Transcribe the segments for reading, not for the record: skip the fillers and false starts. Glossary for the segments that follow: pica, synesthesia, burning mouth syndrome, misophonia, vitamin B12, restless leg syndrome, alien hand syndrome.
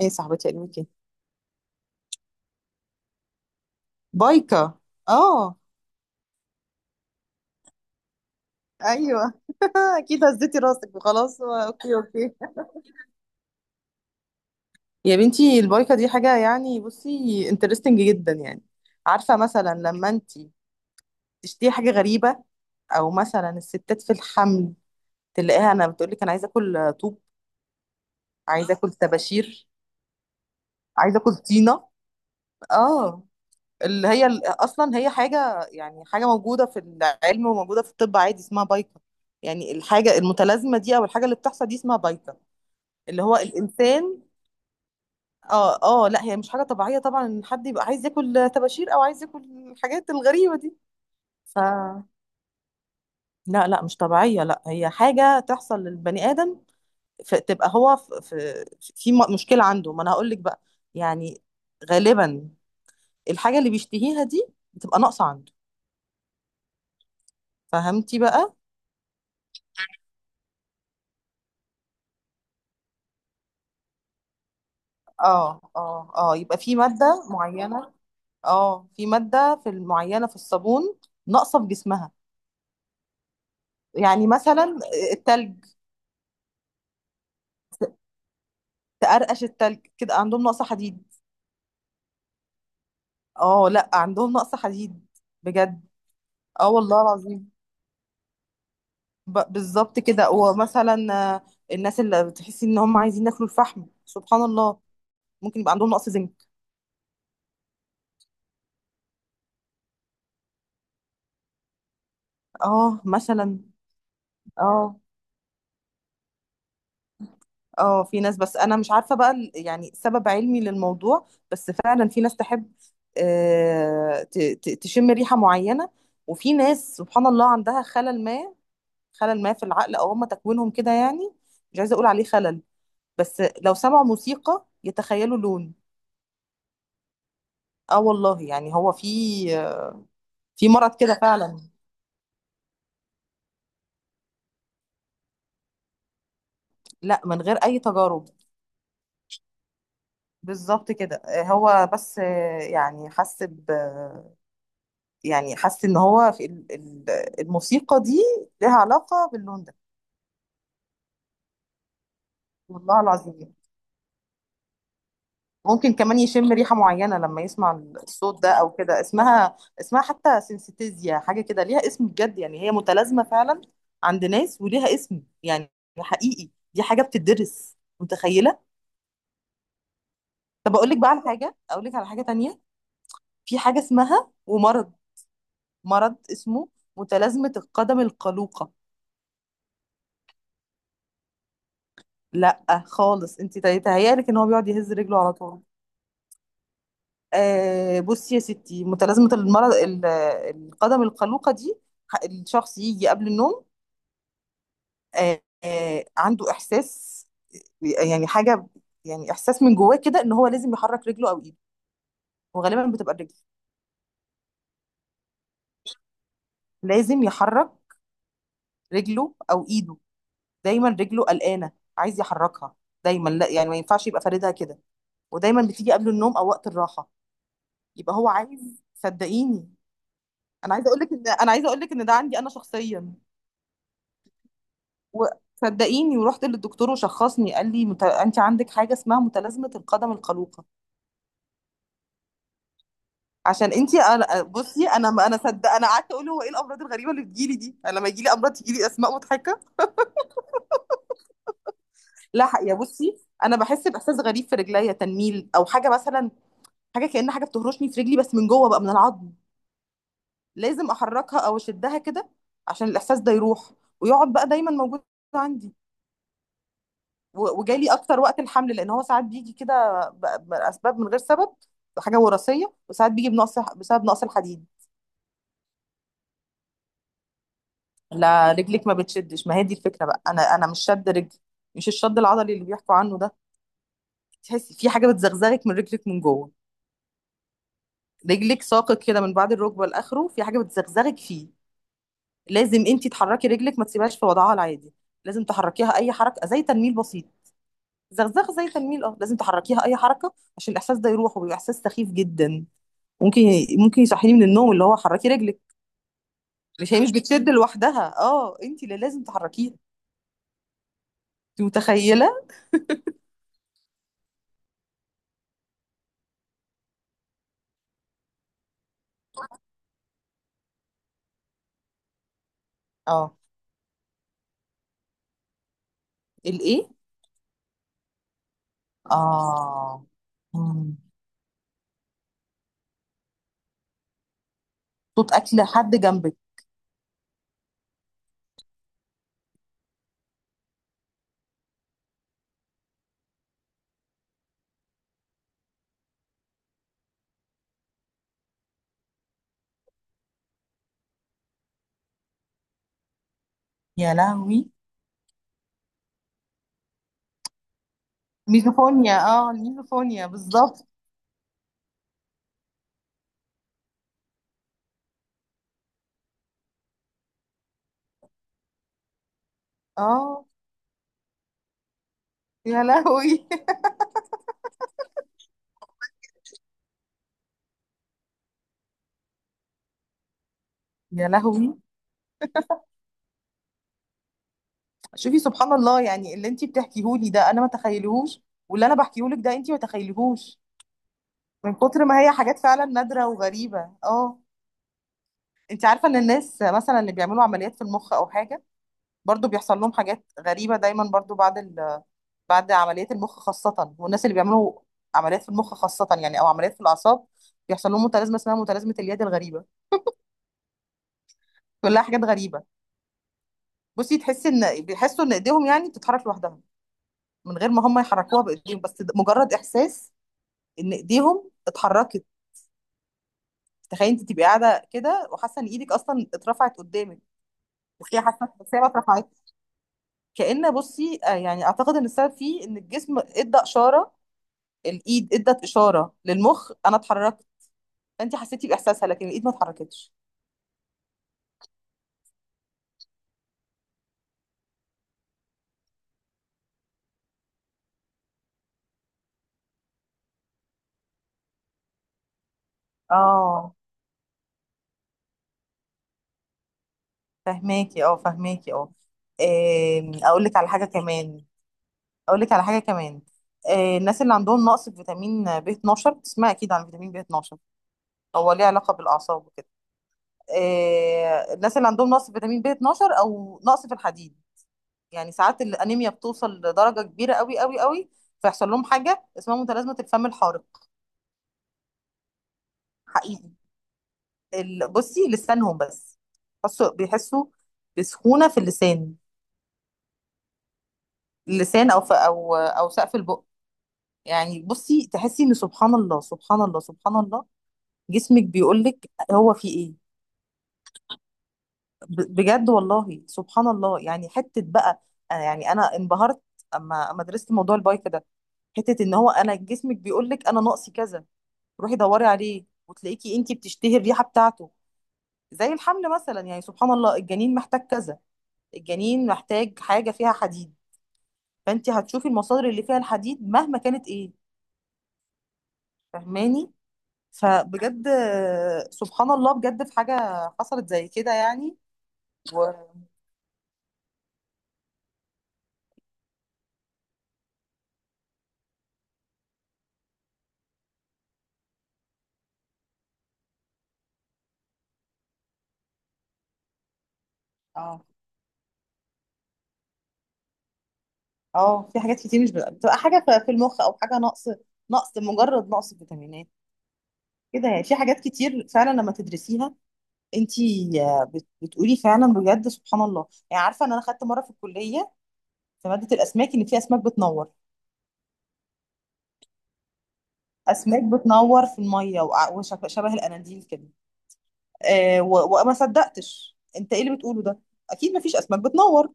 ايه صاحبتي علمك بايكا. اه، ايوه. اكيد هزيتي راسك وخلاص، اوكي اوكي. يا بنتي البايكا دي حاجه، يعني بصي انترستنج جدا، يعني عارفه مثلا لما انت تشتهي حاجه غريبه، او مثلا الستات في الحمل تلاقيها انا بتقول لك انا عايزه اكل طوب، عايزه اكل طباشير، عايزه اكل طينه. اه، اصلا هي حاجه، يعني حاجه موجوده في العلم وموجوده في الطب عادي، اسمها بايكا. يعني الحاجه المتلازمه دي او الحاجه اللي بتحصل دي اسمها بايكا، اللي هو الانسان. اه اه، لا هي مش حاجه طبيعيه طبعا ان حد يبقى عايز ياكل طباشير او عايز ياكل الحاجات الغريبه دي. ف لا لا، مش طبيعيه، لا هي حاجه تحصل للبني ادم، فتبقى هو مشكله عنده. ما انا هقول لك بقى، يعني غالبا الحاجه اللي بيشتهيها دي بتبقى ناقصه عنده. فهمتي بقى؟ اه اه اه، يبقى في ماده معينه. اه، في ماده في المعينه في الصابون ناقصه في جسمها. يعني مثلا التلج، تقرقش التلج كده عندهم نقص حديد. اه، لا عندهم نقص حديد بجد. اه والله العظيم، بالظبط كده. ومثلا الناس اللي بتحسي ان هم عايزين ياكلوا الفحم، سبحان الله، ممكن يبقى عندهم نقص زنك. اه مثلا، اه اه في ناس، بس انا مش عارفه بقى يعني سبب علمي للموضوع، بس فعلا في ناس تحب تشم ريحه معينه. وفي ناس سبحان الله عندها خلل ما، خلل ما في العقل، او هم تكوينهم كده يعني، مش عايزه اقول عليه خلل، بس لو سمعوا موسيقى يتخيلوا لون. اه والله، يعني هو في في مرض كده فعلا. لا من غير اي تجارب، بالظبط كده. آه، هو بس آه، يعني حس ب يعني حس ان هو في الموسيقى دي لها علاقة باللون ده. والله العظيم، ممكن كمان يشم ريحة معينة لما يسمع الصوت ده او كده. اسمها اسمها حتى سينستيزيا، حاجة كده ليها اسم بجد، يعني هي متلازمة فعلا عند ناس وليها اسم، يعني حقيقي دي حاجة بتدرس، متخيلة؟ طب اقول لك بقى على حاجة، اقول لك على حاجة تانية. في حاجة اسمها ومرض، مرض اسمه متلازمة القدم القلوقة. لا خالص، انت تهيألك ان هو بيقعد يهز رجله على طول. آه بصي يا ستي، متلازمة المرض القدم القلوقة دي، الشخص يجي قبل النوم عنده احساس، يعني حاجه، يعني احساس من جواه كده ان هو لازم يحرك رجله او ايده، وغالبا بتبقى الرجل. لازم يحرك رجله او ايده، دايما رجله قلقانه، عايز يحركها دايما، لا يعني ما ينفعش يبقى فاردها كده، ودايما بتيجي قبل النوم او وقت الراحه. يبقى هو عايز، صدقيني انا عايزه اقول لك ان، انا عايزه اقول لك ان ده عندي انا شخصيا. وصدقيني ورحت للدكتور وشخصني قال لي انت عندك حاجه اسمها متلازمه القدم القلوقه، عشان انتي. انا بصي، انا ما انا صدق انا قعدت اقول هو ايه الامراض الغريبه اللي بتجيلي دي، انا لما يجيلي امراض تجيلي اسماء مضحكه. لا، يا بصي انا بحس باحساس غريب في رجليا، تنميل او حاجه مثلا، حاجه كأن حاجه بتهرشني في رجلي بس من جوه بقى، من العظم. لازم احركها او اشدها كده عشان الاحساس ده يروح، ويقعد بقى دايما موجود عندي. وجالي اكتر وقت الحمل، لان هو ساعات بيجي كده باسباب من غير سبب، حاجه وراثيه، وساعات بيجي بنقص بسبب نقص الحديد. لا رجلك ما بتشدش، ما هي دي الفكره بقى، انا انا مش شد رجل، مش الشد العضلي اللي بيحكوا عنه ده، تحسي في حاجه بتزغزغك من رجلك من جوه، رجلك ساقط كده من بعد الركبه لاخره، في حاجه بتزغزغك فيه، لازم انت تحركي رجلك، ما تسيبهاش في وضعها العادي، لازم تحركيها اي حركه، زي تنميل بسيط، زغزغه، زي تنميل، اه لازم تحركيها اي حركه عشان الاحساس ده يروح، وبيبقى احساس سخيف جدا. ممكن ممكن يصحيني من النوم، اللي هو حركي رجلك، مش هي مش بتشد لوحدها، اه انت اللي لازم تحركيها. انت متخيله؟ اه الايه؟ اه. مم. صوت اكل حد جنبك؟ يا لهوي. ميزوفونيا، اه الميزوفونيا بالظبط. اه يا لهوي. يا لهوي. شوفي سبحان الله، يعني اللي انتي بتحكيهولي ده انا ما تخيلهوش، واللي انا بحكيهولك ده انتي ما تخيلهوش، من كتر ما هي حاجات فعلا نادرة وغريبة. اه، انتي عارفة ان الناس مثلا اللي بيعملوا عمليات في المخ او حاجة، برضو بيحصل لهم حاجات غريبة دايما، برضو بعد بعد عمليات المخ خاصة، والناس اللي بيعملوا عمليات في المخ خاصة، يعني أو عمليات في الأعصاب، بيحصل لهم متلازمة اسمها متلازمة اليد الغريبة، كلها حاجات غريبة. بصي تحسي إن، بيحسوا إن إيديهم يعني بتتحرك لوحدها، من غير ما هم يحركوها بإيديهم، بس ده مجرد إحساس إن إيديهم اتحركت، تخيل أنت تبقي قاعدة كده وحاسة إن إيدك أصلا اترفعت قدامك، وهي حاسة بس هي ما اترفعتش. كأن بصي، يعني أعتقد إن السبب فيه إن الجسم إدى إشارة، الايد ادت اشاره للمخ انا اتحركت، فانت حسيتي باحساسها لكن الايد ما اتحركتش. اه فهماكي، اه فهماكي اه. اقول لك على حاجه كمان، اقول لك على حاجه كمان. الناس اللي عندهم نقص في فيتامين بي 12، بتسمع اكيد عن فيتامين بي 12، هو ليه علاقه بالاعصاب وكده. الناس اللي عندهم نقص في فيتامين بي 12 او نقص في الحديد، يعني ساعات الانيميا بتوصل لدرجه كبيره قوي قوي قوي، فيحصل لهم حاجه اسمها متلازمه الفم الحارق. حقيقي، بصي لسانهم بس، بيحسوا بيحسوا بسخونة في اللسان، اللسان او في او سقف البق. يعني بصي تحسي ان، سبحان الله سبحان الله سبحان الله، جسمك بيقول لك هو في ايه. بجد والله، سبحان الله، يعني حتة بقى أنا، يعني انا انبهرت اما درست موضوع البايك ده، حتة ان هو انا جسمك بيقول لك انا ناقصي كذا، روحي دوري عليه وتلاقيكي انتي بتشتهي الريحة بتاعته. زي الحمل مثلا، يعني سبحان الله، الجنين محتاج كذا، الجنين محتاج حاجة فيها حديد، فانت هتشوفي المصادر اللي فيها الحديد مهما كانت ايه. فاهماني؟ فبجد، سبحان الله، بجد في حاجة حصلت زي كده يعني. و... اه اه في حاجات كتير، مش بتبقى حاجة في في المخ او حاجة نقص، نقص مجرد نقص فيتامينات كده، يعني في حاجات كتير فعلا لما تدرسيها انت، بتقولي فعلا بجد سبحان الله. يعني عارفة ان انا خدت مرة في الكلية في مادة الاسماك ان في اسماك بتنور، اسماك بتنور في المية، شبه الاناديل كده. وما صدقتش انت ايه اللي بتقوله ده، اكيد مفيش اسماك بتنور.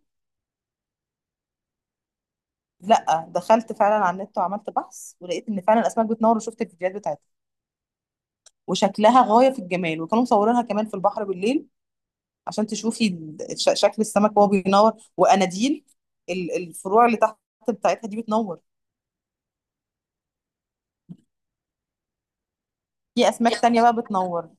لا دخلت فعلا على النت وعملت بحث، ولقيت ان فعلا الاسماك بتنور، وشفت الفيديوهات بتاعتها وشكلها غايه في الجمال، وكانوا مصورينها كمان في البحر بالليل عشان تشوفي شكل السمك وهو بينور، واناديل الفروع اللي تحت بتاعتها دي بتنور. في اسماك تانية بقى بتنور،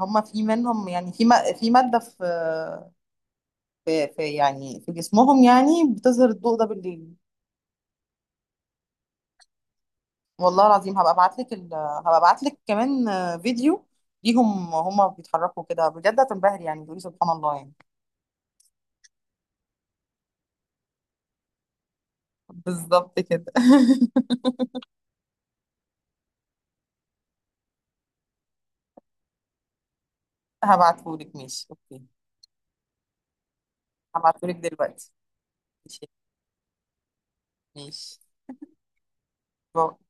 هما في منهم، يعني في في ماده في يعني في جسمهم، يعني بتظهر الضوء ده بالليل. والله العظيم هبقى ابعت لك كمان فيديو ليهم هم بيتحركوا كده، بجد هتنبهري يعني، تقولي سبحان الله يعني. بالظبط كده. هبعتهولك، ماشي اوكي. هبعتهولك دلوقتي. ماشي. ماشي. باي.